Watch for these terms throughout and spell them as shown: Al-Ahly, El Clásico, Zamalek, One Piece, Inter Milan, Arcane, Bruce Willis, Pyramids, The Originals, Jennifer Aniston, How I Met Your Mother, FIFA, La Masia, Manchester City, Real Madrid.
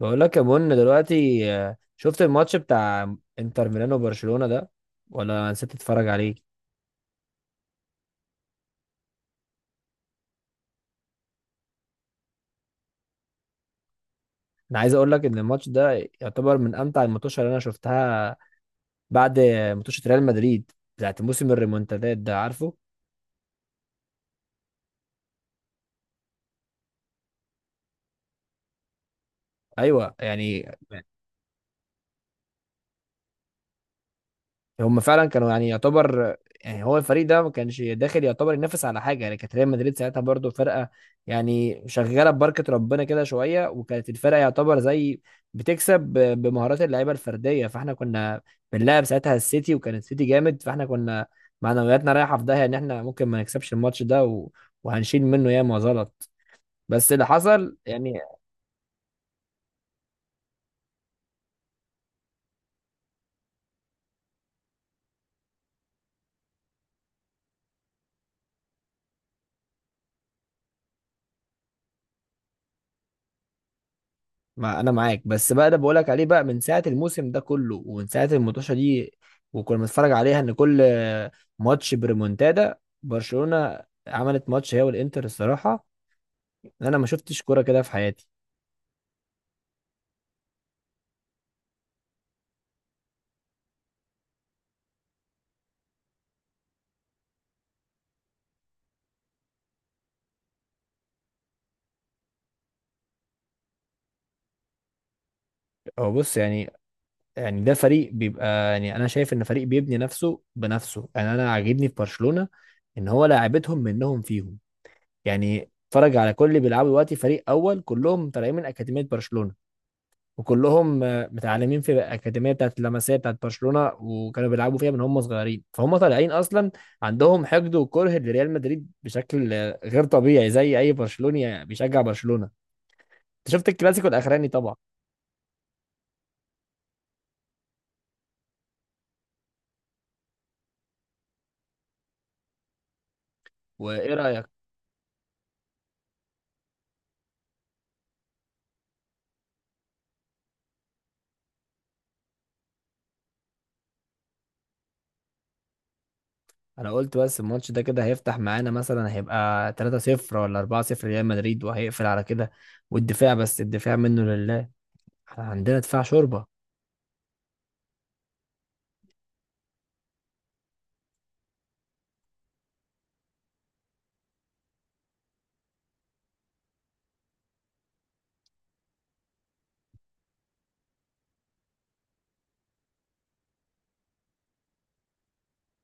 بقول لك يا بن دلوقتي، شفت الماتش بتاع انتر ميلانو وبرشلونة ده، ولا نسيت تتفرج عليه؟ انا عايز اقول لك ان الماتش ده يعتبر من امتع الماتشات اللي انا شفتها، بعد ماتش ريال مدريد بتاعت موسم الريمونتادات ده، عارفه؟ ايوه يعني. هم فعلا كانوا يعني يعتبر، يعني هو الفريق ده ما كانش داخل يعتبر ينافس على حاجه، يعني كانت ريال مدريد ساعتها برضو فرقه يعني شغاله ببركه ربنا كده شويه، وكانت الفرقه يعتبر زي بتكسب بمهارات اللعيبه الفرديه. فاحنا كنا بنلعب ساعتها السيتي، وكان السيتي جامد، فاحنا كنا معنوياتنا رايحه في داهيه ان احنا ممكن ما نكسبش الماتش ده، وهنشيل منه ياما غلط، بس اللي حصل يعني. ما انا معاك، بس بقى ده بقولك عليه بقى من ساعه الموسم ده كله، ومن ساعه المطوشه دي، وكنا بنتفرج عليها ان كل ماتش بريمونتادا. برشلونه عملت ماتش هي والانتر، الصراحه انا ما شفتش كوره كده في حياتي. هو بص، يعني ده فريق بيبقى، يعني انا شايف ان فريق بيبني نفسه بنفسه، يعني انا عاجبني في برشلونه ان هو لاعبتهم منهم فيهم. يعني اتفرج على كل اللي بيلعبوا دلوقتي، فريق اول كلهم طالعين من اكاديميه برشلونه، وكلهم متعلمين في الاكاديميه بتاعت اللمسيه بتاعت برشلونه، وكانوا بيلعبوا فيها من هم صغيرين، فهم طالعين اصلا عندهم حقد وكره لريال مدريد بشكل غير طبيعي، زي اي برشلوني بيشجع برشلونه. انت شفت الكلاسيكو الاخراني طبعا؟ وايه رايك؟ انا قلت بس الماتش ده كده هيفتح معانا، مثلا هيبقى 3-0 ولا 4-0 ريال مدريد وهيقفل على كده، والدفاع بس الدفاع منه لله، احنا عندنا دفاع شوربه.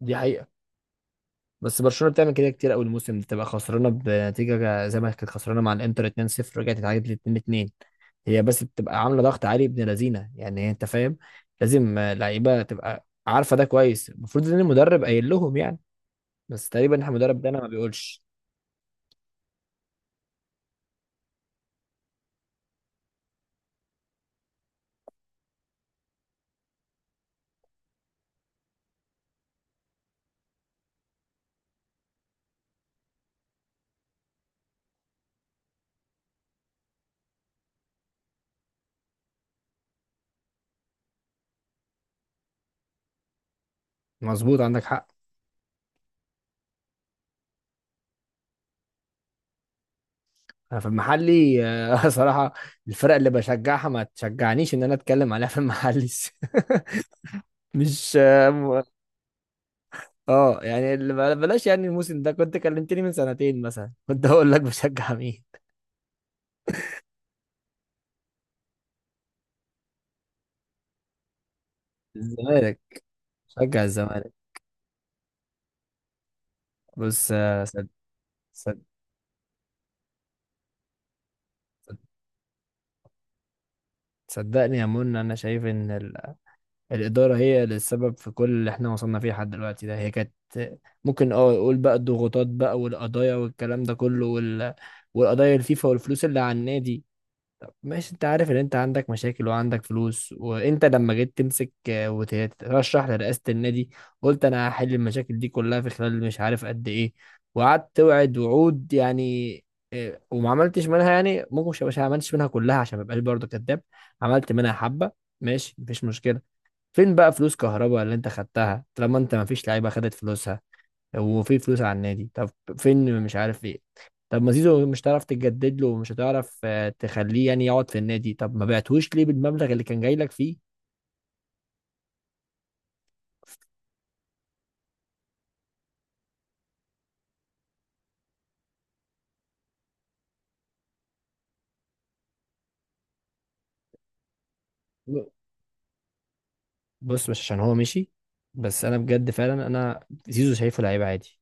دي حقيقة. بس برشلونه بتعمل كده كتير قوي الموسم ده، تبقى خسرانه بنتيجه زي ما كانت خسرانه مع الانتر 2-0 رجعت اتعادلت 2-2. هي بس بتبقى عامله ضغط عالي ابن لذينه، يعني انت فاهم. لازم لعيبه تبقى عارفه ده كويس، المفروض ان المدرب قايل لهم يعني، بس تقريبا إحنا المدرب ده انا ما بيقولش. مظبوط، عندك حق. انا في المحلي، صراحه الفرق اللي بشجعها ما تشجعنيش ان انا اتكلم عليها في المحلي. مش. اه، يعني اللي بلاش يعني. الموسم ده كنت كلمتني من سنتين مثلا، كنت هقول لك بشجع مين. الزمالك، بشجع الزمالك. بص، صد... صدقني يا منى، انا شايف ان الاداره هي اللي السبب في كل اللي احنا وصلنا فيه لحد دلوقتي، ده هي كانت ممكن يقول بقى الضغوطات بقى والقضايا والكلام ده كله، والقضايا الفيفا والفلوس اللي على النادي. ماشي انت عارف ان انت عندك مشاكل وعندك فلوس، وانت لما جيت تمسك وتترشح لرئاسة النادي، قلت انا هحل المشاكل دي كلها في خلال مش عارف قد ايه، وقعدت توعد وعود يعني. وما عملتش منها يعني، ممكن مش عملتش منها كلها عشان ما ابقاش برضه كداب. عملت منها حبة، ماشي مفيش مشكلة. فين بقى فلوس كهربا اللي انت خدتها، طالما انت مفيش لعيبة خدت فلوسها وفي فلوس على النادي؟ طب فين، مش عارف ايه؟ طب ما زيزو مش هتعرف تجدد له ومش هتعرف تخليه يعني يقعد في النادي، طب ما بعتهوش ليه بالمبلغ اللي كان جاي لك فيه؟ ب- بص، مش عشان هو مشي، بس انا بجد فعلا انا زيزو شايفه لعيب عادي.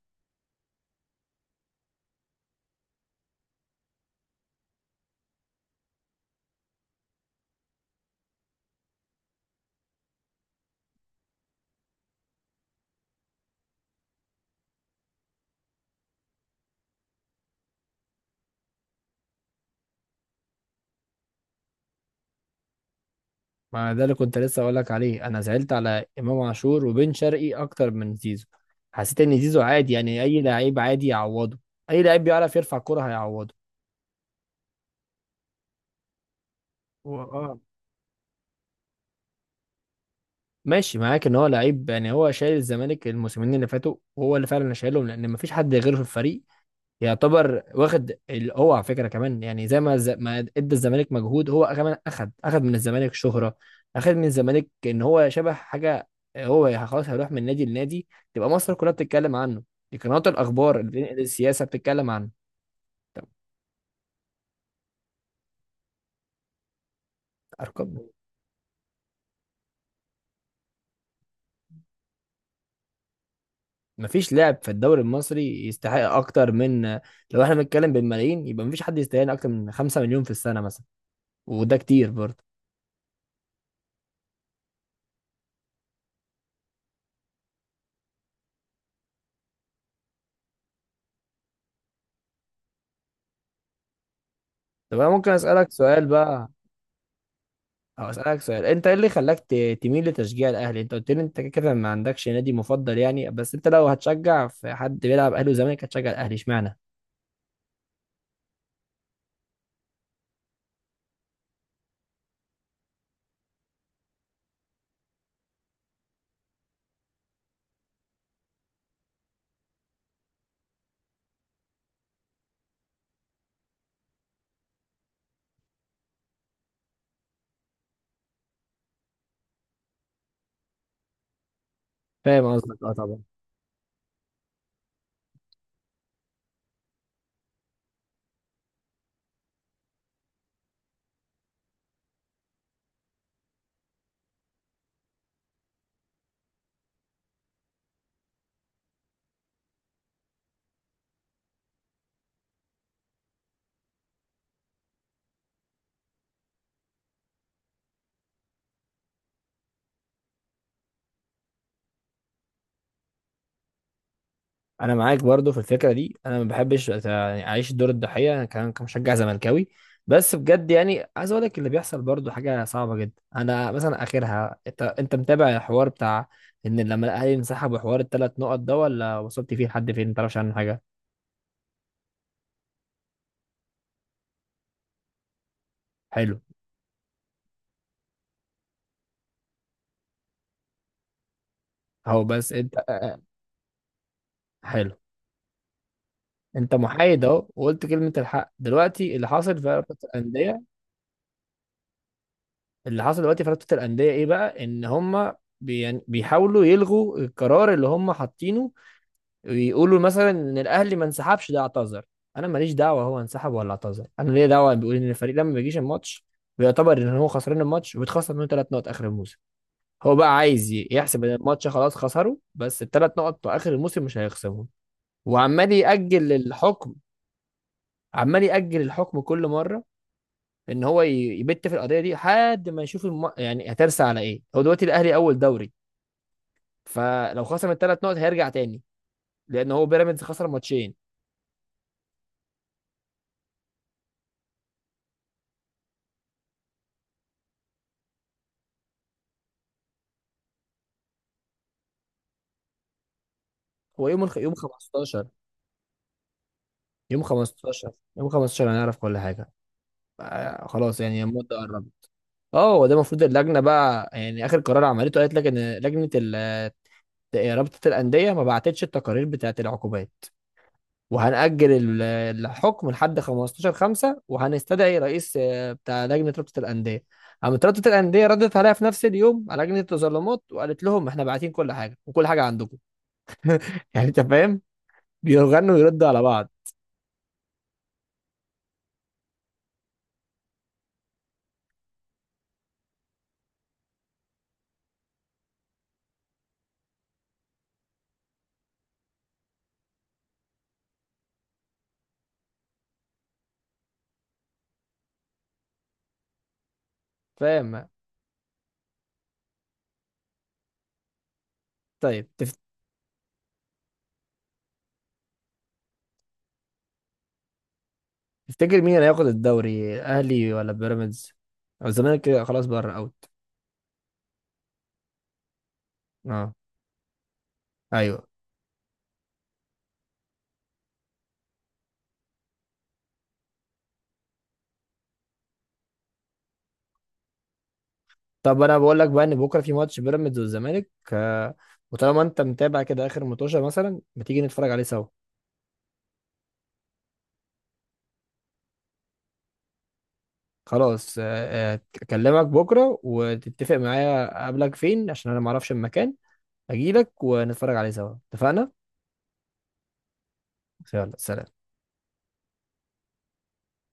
ما ده اللي كنت لسه اقول لك عليه، انا زعلت على امام عاشور وبن شرقي اكتر من زيزو. حسيت ان زيزو عادي، يعني اي لعيب عادي يعوضه. اي لعيب بيعرف يرفع كرة هيعوضه. و- اه ماشي معاك ان هو لعيب، يعني هو شايل الزمالك الموسمين اللي فاتوا وهو اللي فعلا شايلهم لان مفيش حد غيره في الفريق يعتبر واخد هو على فكره كمان، يعني زي ما ما ادى الزمالك مجهود، هو كمان اخد من الزمالك شهره. اخد من الزمالك ان هو شبه حاجه، هو خلاص هيروح من نادي لنادي تبقى مصر كلها بتتكلم عنه. دي قنوات الاخبار السياسه بتتكلم عنه. طب ارقام، مفيش لاعب في الدوري المصري يستحق اكتر من، لو احنا بنتكلم بالملايين يبقى مفيش حد يستاهل اكتر من 5 مليون في السنه مثلا، وده كتير برضه. طب انا ممكن اسالك سؤال بقى، او اسالك سؤال، انت ايه اللي خلاك تميل لتشجيع الاهلي؟ انت قلت لي انت كده كده ما عندكش نادي مفضل يعني، بس انت لو هتشجع في حد بيلعب اهلي وزمالك هتشجع الاهلي، اشمعنى؟ فاهم قصدك، اه طبعا. انا معاك برضه في الفكره دي، انا ما بحبش يعني اعيش دور الضحيه انا كمان كمشجع زملكاوي. بس بجد يعني عايز اقول لك اللي بيحصل برضه حاجه صعبه جدا، انا مثلا اخرها، انت متابع الحوار بتاع ان لما الاهلي انسحب وحوار الثلاث نقط ده، ولا وصلت فيه لحد فين ما تعرفش عنه حاجه؟ حلو. هو بس انت. حلو. انت محايد اهو وقلت كلمه الحق، دلوقتي اللي حاصل في رابطه الانديه. اللي حاصل دلوقتي في رابطه الانديه ايه بقى؟ ان هم يعني بيحاولوا يلغوا القرار اللي هم حاطينه، ويقولوا مثلا ان الاهلي ما انسحبش ده اعتذر. انا ماليش دعوه هو انسحب ولا اعتذر، انا ليا دعوه بيقول ان الفريق لما ما بيجيش الماتش بيعتبر ان هو خسران الماتش وبيتخصم منه ثلاث نقط اخر الموسم. هو بقى عايز يحسب ان الماتش خلاص خسره، بس الثلاث نقط بتوع اخر الموسم مش هيخصمهم. وعمال يأجل الحكم، عمال يأجل الحكم كل مرة، ان هو يبت في القضية دي لحد ما يشوف يعني هترسى على ايه. هو دلوقتي الاهلي اول دوري، فلو خسر الثلاث نقط هيرجع تاني لان هو بيراميدز خسر ماتشين. هو يوم الخ... يوم 15 يوم 15 يوم 15 هنعرف كل حاجة. آه خلاص يعني المدة قربت. اه، هو ده المفروض اللجنة بقى يعني، اخر قرار عملته قالت لك ان لجنة رابطة الأندية ما بعتتش التقارير بتاعت العقوبات، وهنأجل الحكم لحد 15/5، وهنستدعي رئيس بتاع لجنة رابطة الأندية. قامت رابطة الأندية ردت عليها في نفس اليوم على لجنة التظلمات، وقالت لهم احنا باعتين كل حاجة وكل حاجة عندكم. يعني انت فاهم. بيغنوا ويردوا على بعض. فاهم. طيب تفتكر مين اللي هياخد الدوري؟ اهلي ولا بيراميدز، أو الزمالك كده خلاص بره اوت؟ اه. ايوه. طب انا بقول لك بقى ان بكره في ماتش بيراميدز والزمالك، وطالما انت متابع كده اخر متوشه مثلا، ما تيجي نتفرج عليه سوا؟ خلاص. اكلمك بكره وتتفق معايا، اقابلك فين عشان انا ما اعرفش المكان، اجيلك ونتفرج عليه سوا، اتفقنا؟ يلا، سلام.